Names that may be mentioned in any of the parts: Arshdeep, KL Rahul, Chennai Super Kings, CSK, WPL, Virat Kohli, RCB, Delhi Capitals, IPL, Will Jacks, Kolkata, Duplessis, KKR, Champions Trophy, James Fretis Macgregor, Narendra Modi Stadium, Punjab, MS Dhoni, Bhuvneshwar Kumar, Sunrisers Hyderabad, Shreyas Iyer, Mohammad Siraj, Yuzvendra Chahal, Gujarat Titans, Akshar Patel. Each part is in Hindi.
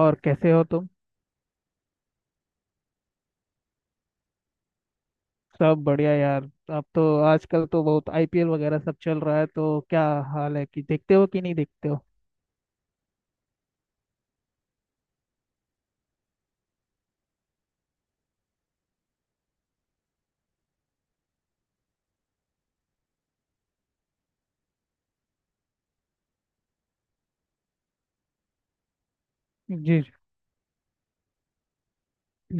और कैसे हो तुम। सब बढ़िया यार। अब तो आजकल तो बहुत आईपीएल वगैरह सब चल रहा है, तो क्या हाल है कि देखते हो कि नहीं देखते हो? जी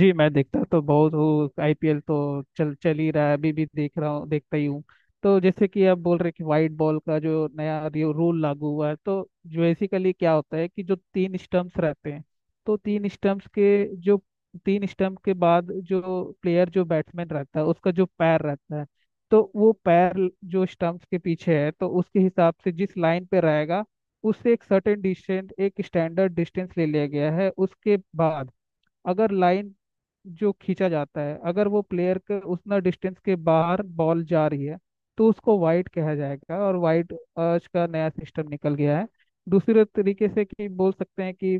जी, मैं देखता तो बहुत हूँ। आईपीएल तो चल चल ही रहा है, अभी भी देख रहा हूँ, देखता ही हूँ। तो जैसे कि आप बोल रहे कि वाइट बॉल का जो नया रूल लागू हुआ है, तो बेसिकली क्या होता है कि जो तीन स्टंप्स रहते हैं, तो तीन स्टंप के बाद जो बैट्समैन रहता है, उसका जो पैर रहता है, तो वो पैर जो स्टंप्स के पीछे है, तो उसके हिसाब से जिस लाइन पे रहेगा, उससे एक स्टैंडर्ड डिस्टेंस ले लिया गया है। उसके बाद अगर लाइन जो खींचा जाता है, अगर वो प्लेयर के उतना डिस्टेंस के बाहर बॉल जा रही है, तो उसको वाइड कहा जाएगा। और वाइड आज का नया सिस्टम निकल गया है, दूसरे तरीके से कि बोल सकते हैं कि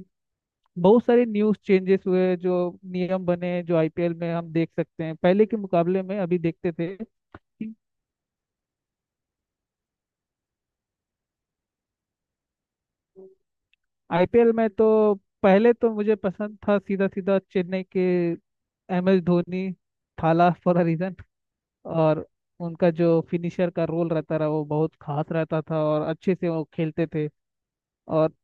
बहुत सारे न्यूज चेंजेस हुए, जो नियम बने जो आईपीएल में हम देख सकते हैं पहले के मुकाबले में, अभी देखते थे कि। आईपीएल में तो पहले तो मुझे पसंद था सीधा सीधा चेन्नई के M S Dhoni. Thala for a reason. और उनका जो फिनिशर का रोल रहता रहा, वो बहुत खास रहता था और अच्छे से वो खेलते थे। और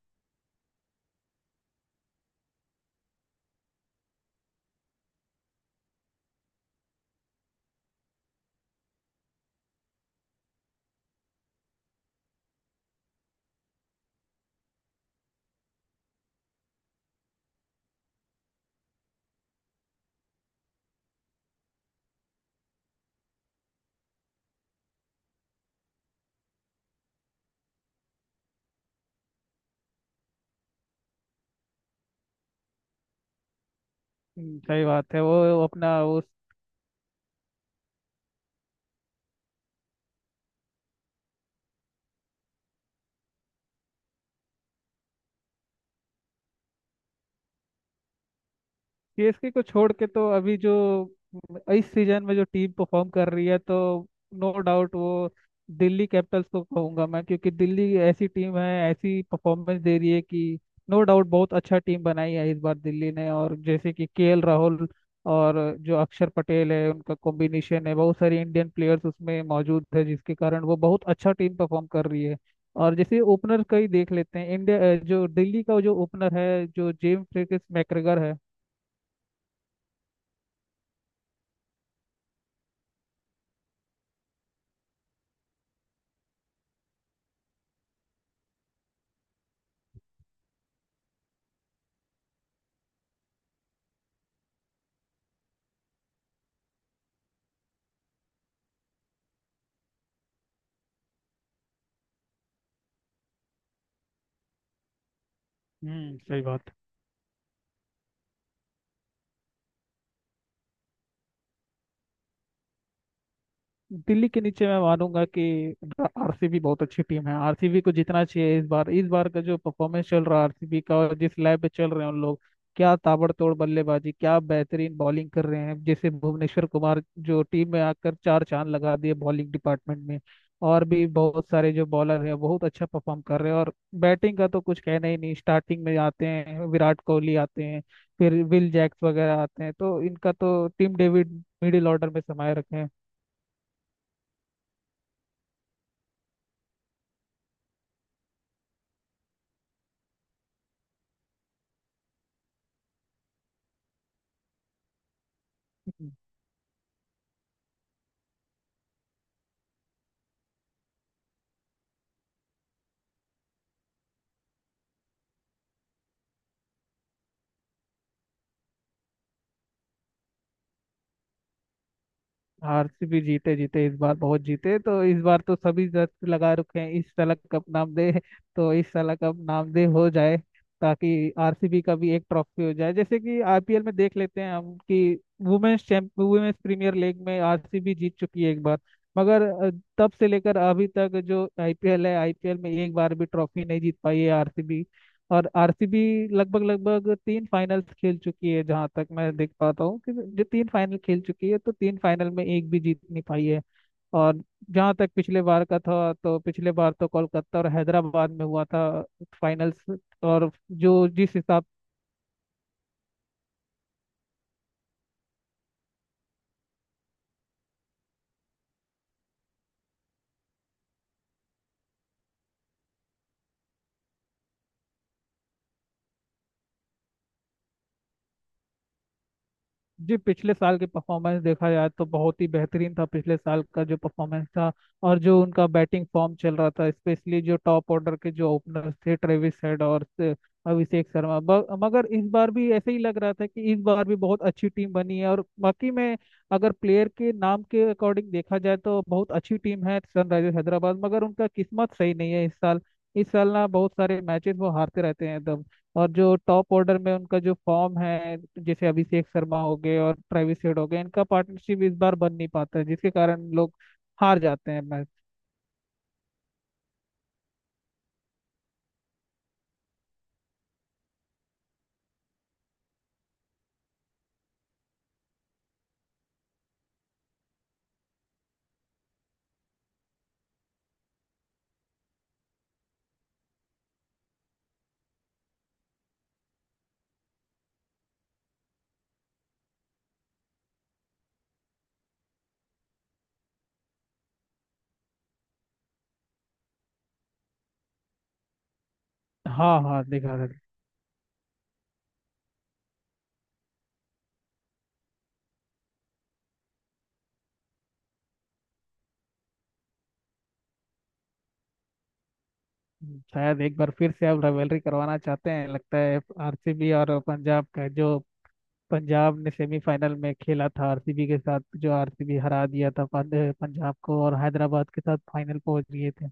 सही बात है, वो अपना उस। सीएसके को छोड़ के तो अभी जो इस सीजन में जो टीम परफॉर्म कर रही है, तो नो डाउट वो दिल्ली कैपिटल्स को कहूंगा मैं, क्योंकि दिल्ली ऐसी टीम है, ऐसी परफॉर्मेंस दे रही है कि नो डाउट बहुत अच्छा टीम बनाई है इस बार दिल्ली ने। और जैसे कि केएल राहुल और जो अक्षर पटेल है, उनका कॉम्बिनेशन है। बहुत सारे इंडियन प्लेयर्स उसमें मौजूद है, जिसके कारण वो बहुत अच्छा टीम परफॉर्म कर रही है। और जैसे ओपनर का ही देख लेते हैं। इंडिया जो दिल्ली का जो ओपनर है, जो जेम्स फ्रेटिस मैकग्regor है। हम्म, सही बात। दिल्ली के नीचे मैं मानूंगा कि आरसीबी बहुत अच्छी टीम है, आरसीबी को जीतना चाहिए इस बार। इस बार का जो परफॉर्मेंस चल रहा है आरसीबी का, और जिस लय पे चल रहे हैं उन लोग, क्या ताबड़तोड़ बल्लेबाजी, क्या बेहतरीन बॉलिंग कर रहे हैं! जैसे भुवनेश्वर कुमार जो टीम में आकर चार चांद लगा दिए बॉलिंग डिपार्टमेंट में। और भी बहुत सारे जो बॉलर हैं बहुत अच्छा परफॉर्म कर रहे हैं। और बैटिंग का तो कुछ कहना ही नहीं, स्टार्टिंग में आते हैं विराट कोहली, आते हैं फिर विल जैक्स वगैरह, आते हैं तो इनका तो टीम डेविड मिडिल ऑर्डर में समाये रखे हैं। आरसीबी जीते, जीते इस बार बहुत जीते, तो इस बार तो सभी दस्त लगा रखे हैं। इस साल कप नाम दे, तो इस साल कप नाम दे हो जाए, ताकि आरसीबी का भी एक ट्रॉफी हो जाए। जैसे कि आईपीएल में देख लेते हैं हम कि वुमेन्स प्रीमियर लीग में आरसीबी जीत चुकी है एक बार। मगर तब से लेकर अभी तक जो आईपीएल है, आईपीएल में एक बार भी ट्रॉफी नहीं जीत पाई है आरसीबी। और आरसीबी लगभग लगभग तीन फाइनल्स खेल चुकी है, जहां तक मैं देख पाता हूँ कि जो तीन फाइनल खेल चुकी है, तो तीन फाइनल में एक भी जीत नहीं पाई है। और जहां तक पिछले बार का था, तो पिछले बार तो कोलकाता और हैदराबाद में हुआ था फाइनल्स। और जो जिस हिसाब जी, पिछले साल की परफॉर्मेंस देखा जाए तो बहुत ही बेहतरीन था, पिछले साल का जो परफॉर्मेंस था। और जो उनका बैटिंग फॉर्म चल रहा था, स्पेशली जो टॉप ऑर्डर के जो ओपनर्स थे, ट्रेविस हेड और अभिषेक शर्मा मगर इस बार भी ऐसे ही लग रहा था कि इस बार भी बहुत अच्छी टीम बनी है, और बाकी में अगर प्लेयर के नाम के अकॉर्डिंग देखा जाए तो बहुत अच्छी टीम है सनराइजर्स हैदराबाद। मगर उनका किस्मत सही नहीं है इस साल। इस साल ना बहुत सारे मैचेस वो हारते रहते हैं एकदम। और जो टॉप ऑर्डर में उनका जो फॉर्म है, जैसे अभिषेक शर्मा हो गए और ट्रेविस हेड हो गए, इनका पार्टनरशिप इस बार बन नहीं पाता है, जिसके कारण लोग हार जाते हैं मैच। हाँ हाँ, देखा था। शायद एक बार फिर से अब राइवलरी करवाना चाहते हैं, लगता है। आरसीबी और पंजाब का जो, पंजाब ने सेमीफाइनल में खेला था आरसीबी के साथ, जो आरसीबी हरा दिया था पंजाब को, और हैदराबाद के साथ फाइनल पहुंच गए थे।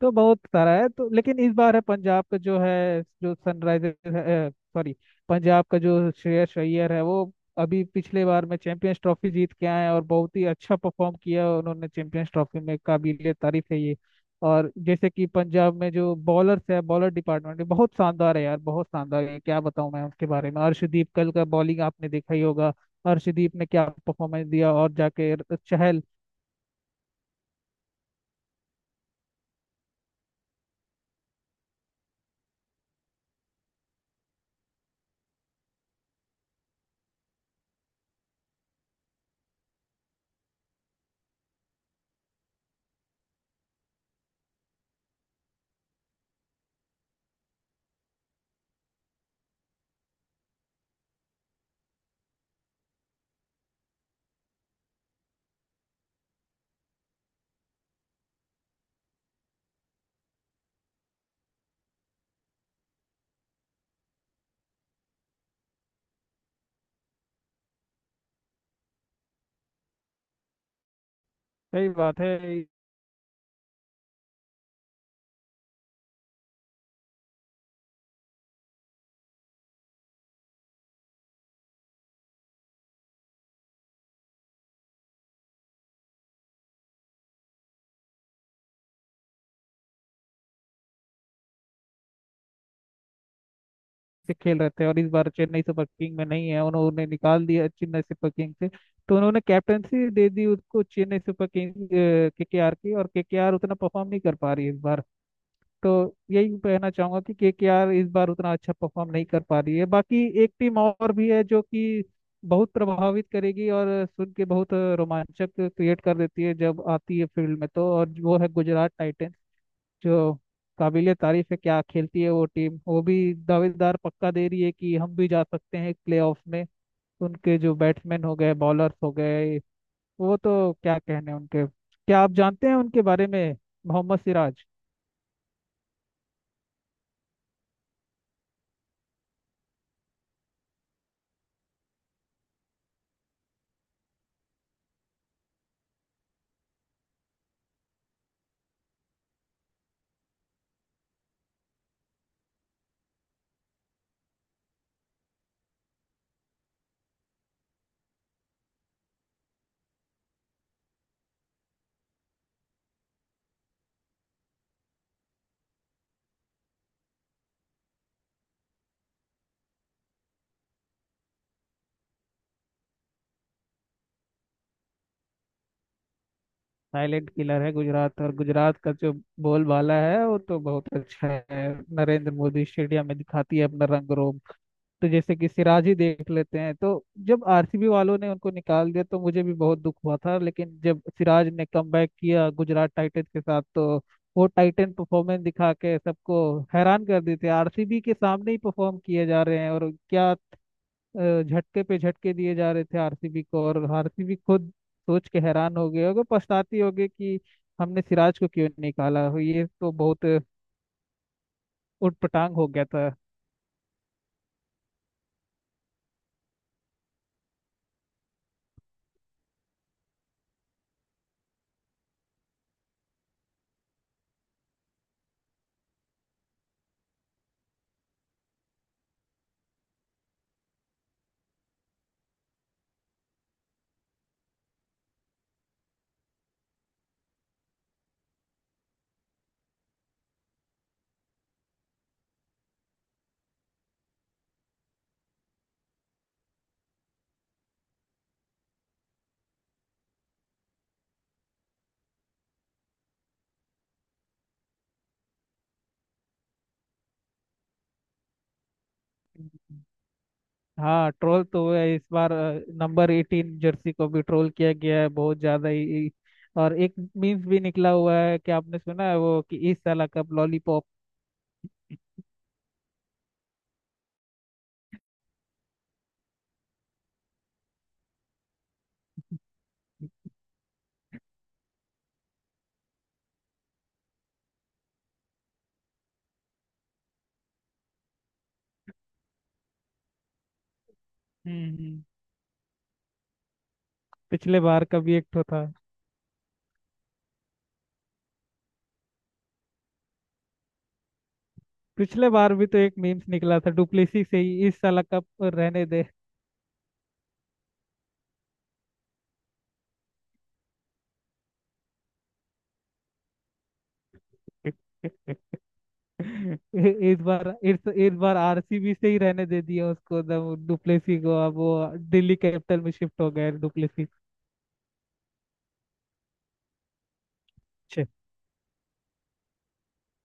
तो बहुत सारा है। तो लेकिन इस बार है पंजाब का जो है, जो सनराइजर्स सॉरी पंजाब का जो श्रेयस अय्यर है, वो अभी पिछले बार में चैंपियंस ट्रॉफी जीत के आए हैं, और बहुत ही अच्छा परफॉर्म किया उन्होंने चैंपियंस ट्रॉफी में। ए तारीफ है ये। और जैसे कि पंजाब में जो बॉलर्स है, बॉलर डिपार्टमेंट बहुत शानदार है यार, बहुत शानदार है, क्या बताऊं मैं उसके बारे में। अर्शदीप कल का बॉलिंग आपने देखा ही होगा। अर्शदीप ने क्या परफॉर्मेंस दिया! और जाके चहल। सही बात है, से खेल रहे थे, और इस बार चेन्नई सुपर किंग में नहीं है, उन्होंने निकाल दिया चेन्नई सुपर किंग से। तो उन्होंने कैप्टनसी दे दी उसको चेन्नई सुपर किंग केकेआर की, और केकेआर उतना परफॉर्म नहीं कर पा रही है इस बार। तो यही कहना चाहूंगा कि केकेआर इस बार उतना अच्छा परफॉर्म नहीं कर पा रही है। बाकी एक टीम और भी है जो कि बहुत प्रभावित करेगी, और सुन के बहुत रोमांचक क्रिएट कर देती है जब आती है फील्ड में तो, और वो है गुजरात टाइटंस। जो काबिलियत, तारीफ है क्या खेलती है वो टीम, वो भी दावेदार पक्का दे रही है कि हम भी जा सकते हैं प्लेऑफ में। उनके जो बैट्समैन हो गए, बॉलर्स हो गए, वो तो, क्या कहने उनके। क्या आप जानते हैं उनके बारे में? मोहम्मद सिराज। साइलेंट किलर है गुजरात। और गुजरात का जो बोलबाला है, वो तो बहुत अच्छा है। नरेंद्र मोदी स्टेडियम में दिखाती है अपना रंग रोब। तो जैसे कि सिराज ही देख लेते हैं। तो जब आरसीबी वालों ने उनको निकाल दिया, तो मुझे भी बहुत दुख हुआ था। लेकिन जब सिराज ने कमबैक किया गुजरात टाइटंस के साथ, तो वो टाइटन परफॉर्मेंस दिखा के सबको हैरान कर देते, आरसीबी के सामने ही परफॉर्म किए जा रहे हैं, और क्या झटके पे झटके दिए जा रहे थे आरसीबी को। और आरसीबी खुद सोच के हैरान हो गए होगे, पछताती होगी कि हमने सिराज को क्यों निकाला, ये तो बहुत उटपटांग हो गया था। हाँ, ट्रोल तो हुआ है। इस बार नंबर 18 जर्सी को भी ट्रोल किया गया है, बहुत ज्यादा ही। और एक मीम्स भी निकला हुआ है, कि आपने सुना है वो कि इस साल का लॉलीपॉप। हम्म हम्म। पिछले बार का भी एक तो था। पिछले बार भी तो एक मीम्स निकला था डुप्लेसी से, ही इस साल का रहने दे। इस बार आरसीबी से ही रहने दे दिया उसको डुप्लेसी को। अब वो दिल्ली कैपिटल में शिफ्ट हो गया डुप्लेसी।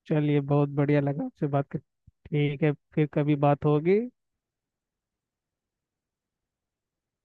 चलिए, बहुत बढ़िया लगा आपसे बात कर। ठीक है, फिर कभी बात होगी।